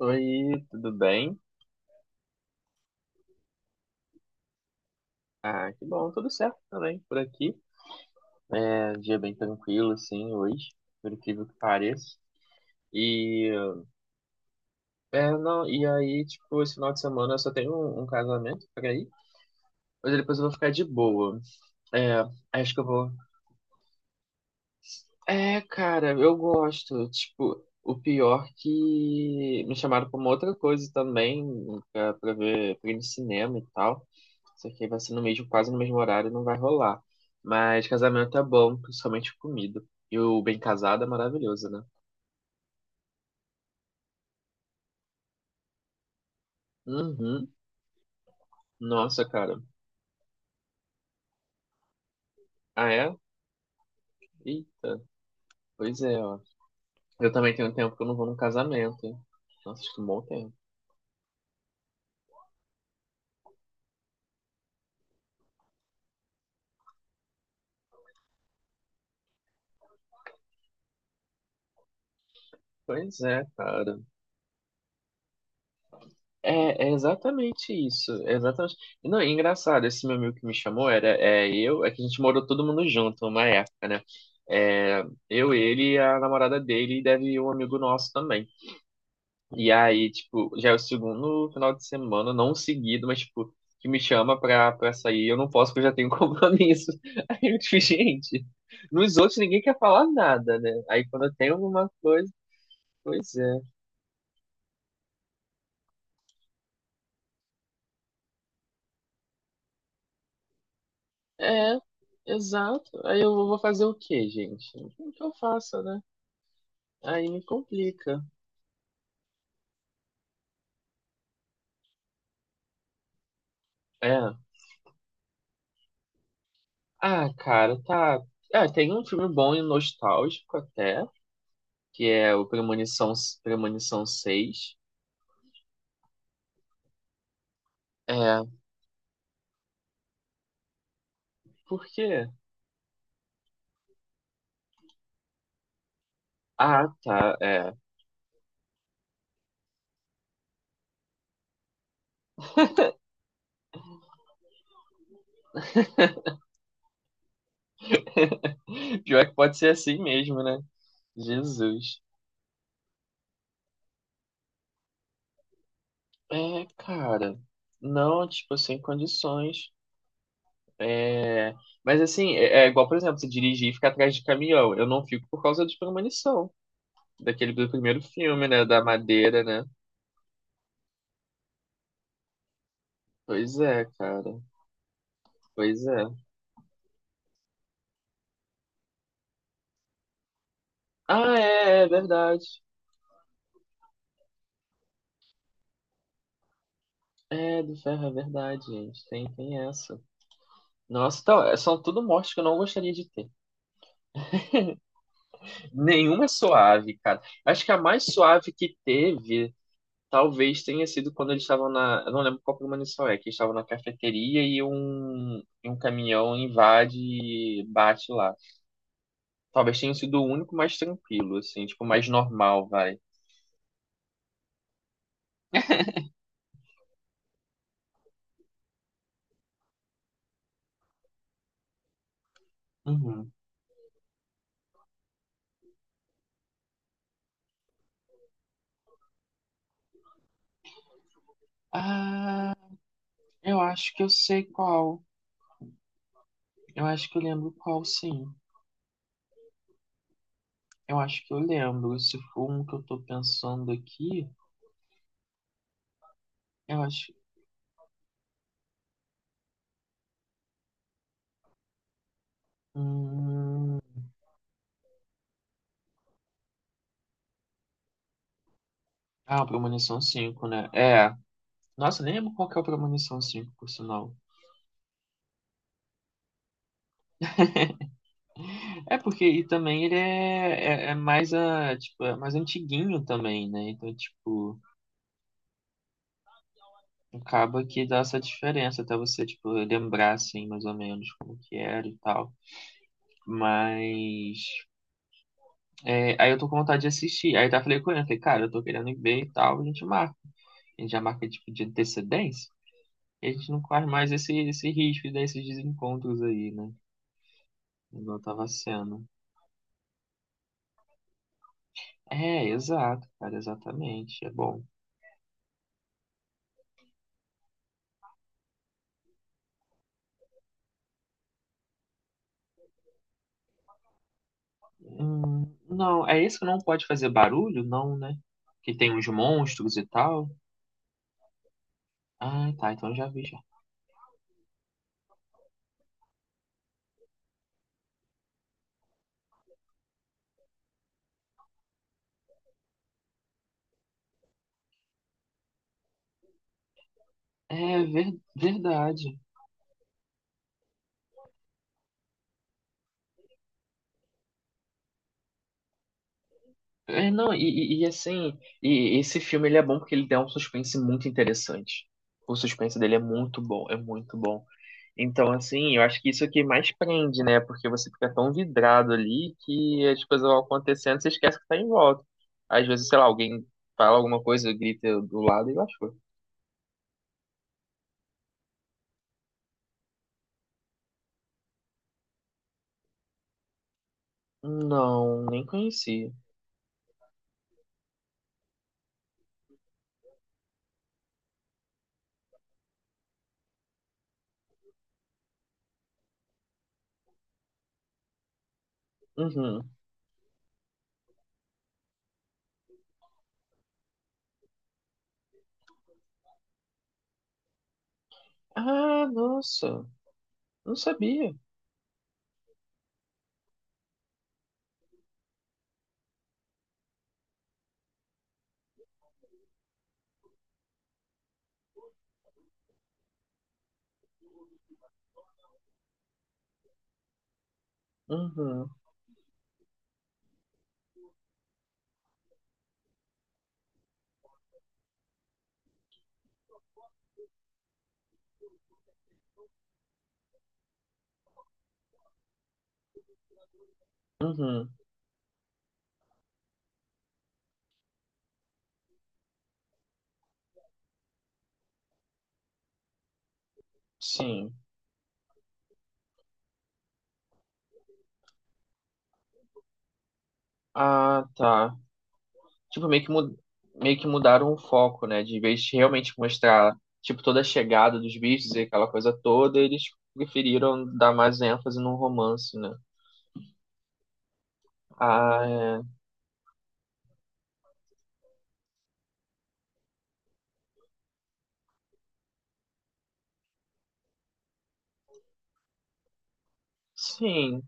Oi, tudo bem? Ah, que bom, tudo certo também por aqui. É um dia bem tranquilo, assim, hoje, por incrível que pareça. E, é, não, e aí, tipo, esse final de semana eu só tenho um casamento pra ir, mas depois eu vou ficar de boa. É, acho que eu vou. É, cara, eu gosto. Tipo, o pior que me chamaram pra uma outra coisa também, pra ver, pra ir no cinema e tal. Isso aqui vai ser no mesmo, quase no mesmo horário, não vai rolar. Mas casamento é bom, principalmente comida. E o bem casado é maravilhoso, né? Uhum. Nossa, cara. Ah, é? Eita. Pois é, ó. Eu também tenho um tempo que eu não vou num casamento, hein? Nossa, acho que é um bom tempo. Pois é, cara. É exatamente isso. É exatamente. E não, é engraçado, esse meu amigo que me chamou era é, eu, é que a gente morou todo mundo junto uma época, né? É, eu, ele e a namorada dele, e deve ir um amigo nosso também. E aí, tipo, já é o segundo final de semana, não seguido, mas, tipo, que me chama pra sair. Eu não posso, porque eu já tenho compromisso. Aí eu, tipo, gente, nos outros ninguém quer falar nada, né? Aí quando eu tenho alguma coisa, pois é. É, exato. Aí eu vou fazer o quê, gente? O que eu faço, né? Aí me complica. É. Ah, cara, tá. É, tem um filme bom e nostálgico até, que é o Premonição, Premonição 6. É, por quê? Ah, tá, é. Pior que pode ser assim mesmo, né? Jesus. É, cara. Não, tipo, sem condições. Mas assim, é igual, por exemplo, você dirigir e ficar atrás de caminhão. Eu não fico por causa de premonição. Daquele do primeiro filme, né? Da madeira, né? Pois é, cara. Pois é. Ah, é verdade. É, do ferro, é verdade, gente. Tem essa. Nossa, então, são tudo mortes que eu não gostaria de ter. Nenhuma é suave, cara. Acho que a mais suave que teve. Talvez tenha sido quando eles estavam na. Eu não lembro qual premonição é, que eles estavam na cafeteria e um caminhão invade e bate lá. Talvez tenha sido o único mais tranquilo, assim, tipo, mais normal, vai. Uhum. Ah, eu acho que eu sei qual. Eu acho que eu lembro qual, sim. Eu acho que eu lembro. Se for um que eu tô pensando aqui, eu acho. Hum... Ah, o Premonição 5, né? É. Nossa, nem lembro qual que é o Premonição 5 por sinal. É porque e também ele é, é mais a, tipo, é mais antiguinho também, né? Então, tipo, acaba que dá essa diferença até você, tipo, lembrar assim, mais ou menos como que era e tal. Mas é, aí eu tô com vontade de assistir. Aí tá falei com ele, eu falei, cara, eu tô querendo ir ver e tal, a gente marca. A gente já marca tipo de antecedência, e a gente não corre mais esse risco desses desencontros aí, né? Igual tava sendo. É, exato, cara, exatamente. É bom. Não, é esse que não pode fazer barulho? Não, né? Que tem uns monstros e tal. Ah, tá, então eu já vi já. É verdade. É, não, e, assim, e esse filme ele é bom porque ele dá um suspense muito interessante. O suspense dele é muito bom, é muito bom. Então, assim, eu acho que isso é o que mais prende, né? Porque você fica tão vidrado ali que as coisas vão acontecendo e você esquece que tá em volta. Às vezes, sei lá, alguém fala alguma coisa, grita do lado e eu acho. Não, nem conhecia. Uhum. Ah, nossa. Não sabia. Uhum. Uhum. Sim. Ah, tá. Tipo, meio que mudaram o foco, né? De vez de realmente mostrar, tipo, toda a chegada dos bichos e aquela coisa toda, eles preferiram dar mais ênfase num romance, né? Ah, é. Sim.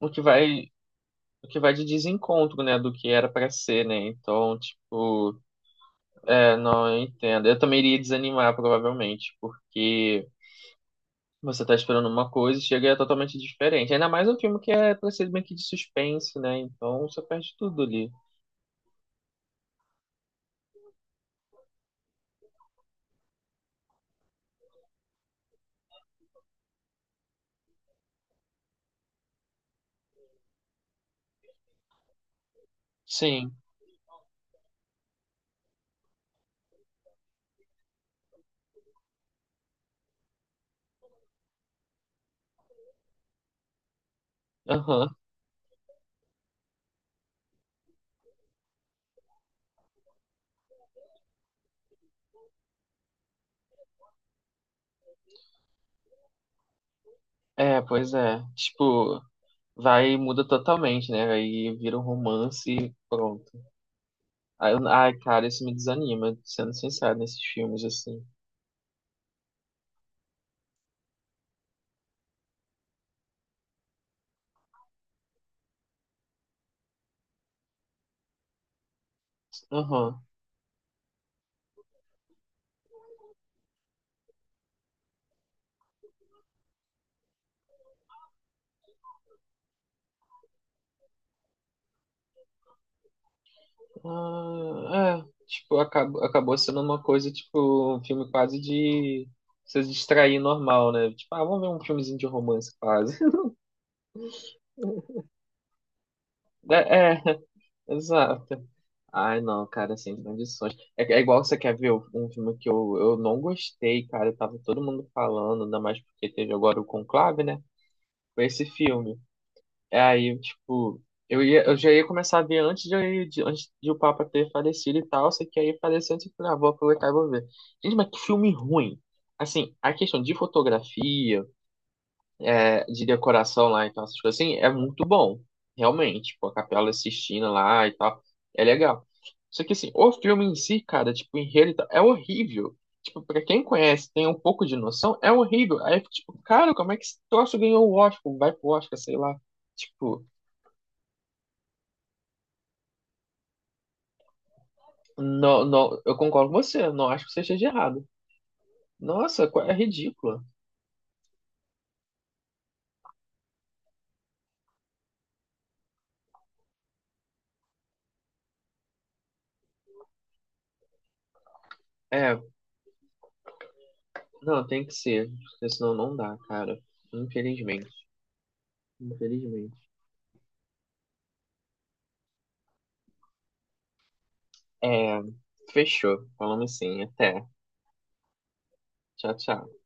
O que vai, o que vai de desencontro, né? Do que era pra ser, né? Então, tipo, não, eu entendo. Eu também iria desanimar, provavelmente, porque. Você tá esperando uma coisa e chega e é totalmente diferente. Ainda mais um filme que é pra ser meio que de suspense, né? Então você perde tudo ali. Sim, aham. É, pois é. Tipo, vai e muda totalmente, né? Aí vira um romance e pronto. Ai, cara, isso me desanima, sendo sincero, nesses filmes, assim. Aham. Ah, é, tipo, acabou sendo uma coisa, tipo, um filme quase de você se distrair normal, né? Tipo, ah, vamos ver um filmezinho de romance quase. É, é. Exato. Ai, não, cara, sem condições. É igual você quer ver um filme que eu não gostei, cara. Tava todo mundo falando, ainda mais porque teve agora o Conclave, né? Foi esse filme. É aí, tipo, eu já ia começar a ver antes de o Papa ter falecido e tal. Só que aí faleceu, eu falei, ah, vou aproveitar e vou ver. Gente, mas que filme ruim. Assim, a questão de fotografia é, de decoração lá, então essas coisas assim, é muito bom, realmente. Tipo, a Capela Sistina lá e tal, é legal. Só que assim, o filme em si, cara, tipo, o enredo e tal, é horrível. Tipo, pra quem conhece, tem um pouco de noção, é horrível. Aí, tipo, cara, como é que esse troço ganhou o Oscar? Vai pro Oscar, sei lá. Tipo, não, não, eu concordo com você, não acho que você esteja errado. Nossa, é ridícula. É, não, tem que ser, porque senão não dá, cara. Infelizmente, infelizmente. É, fechou. Falamos sim. Até. Tchau, tchau.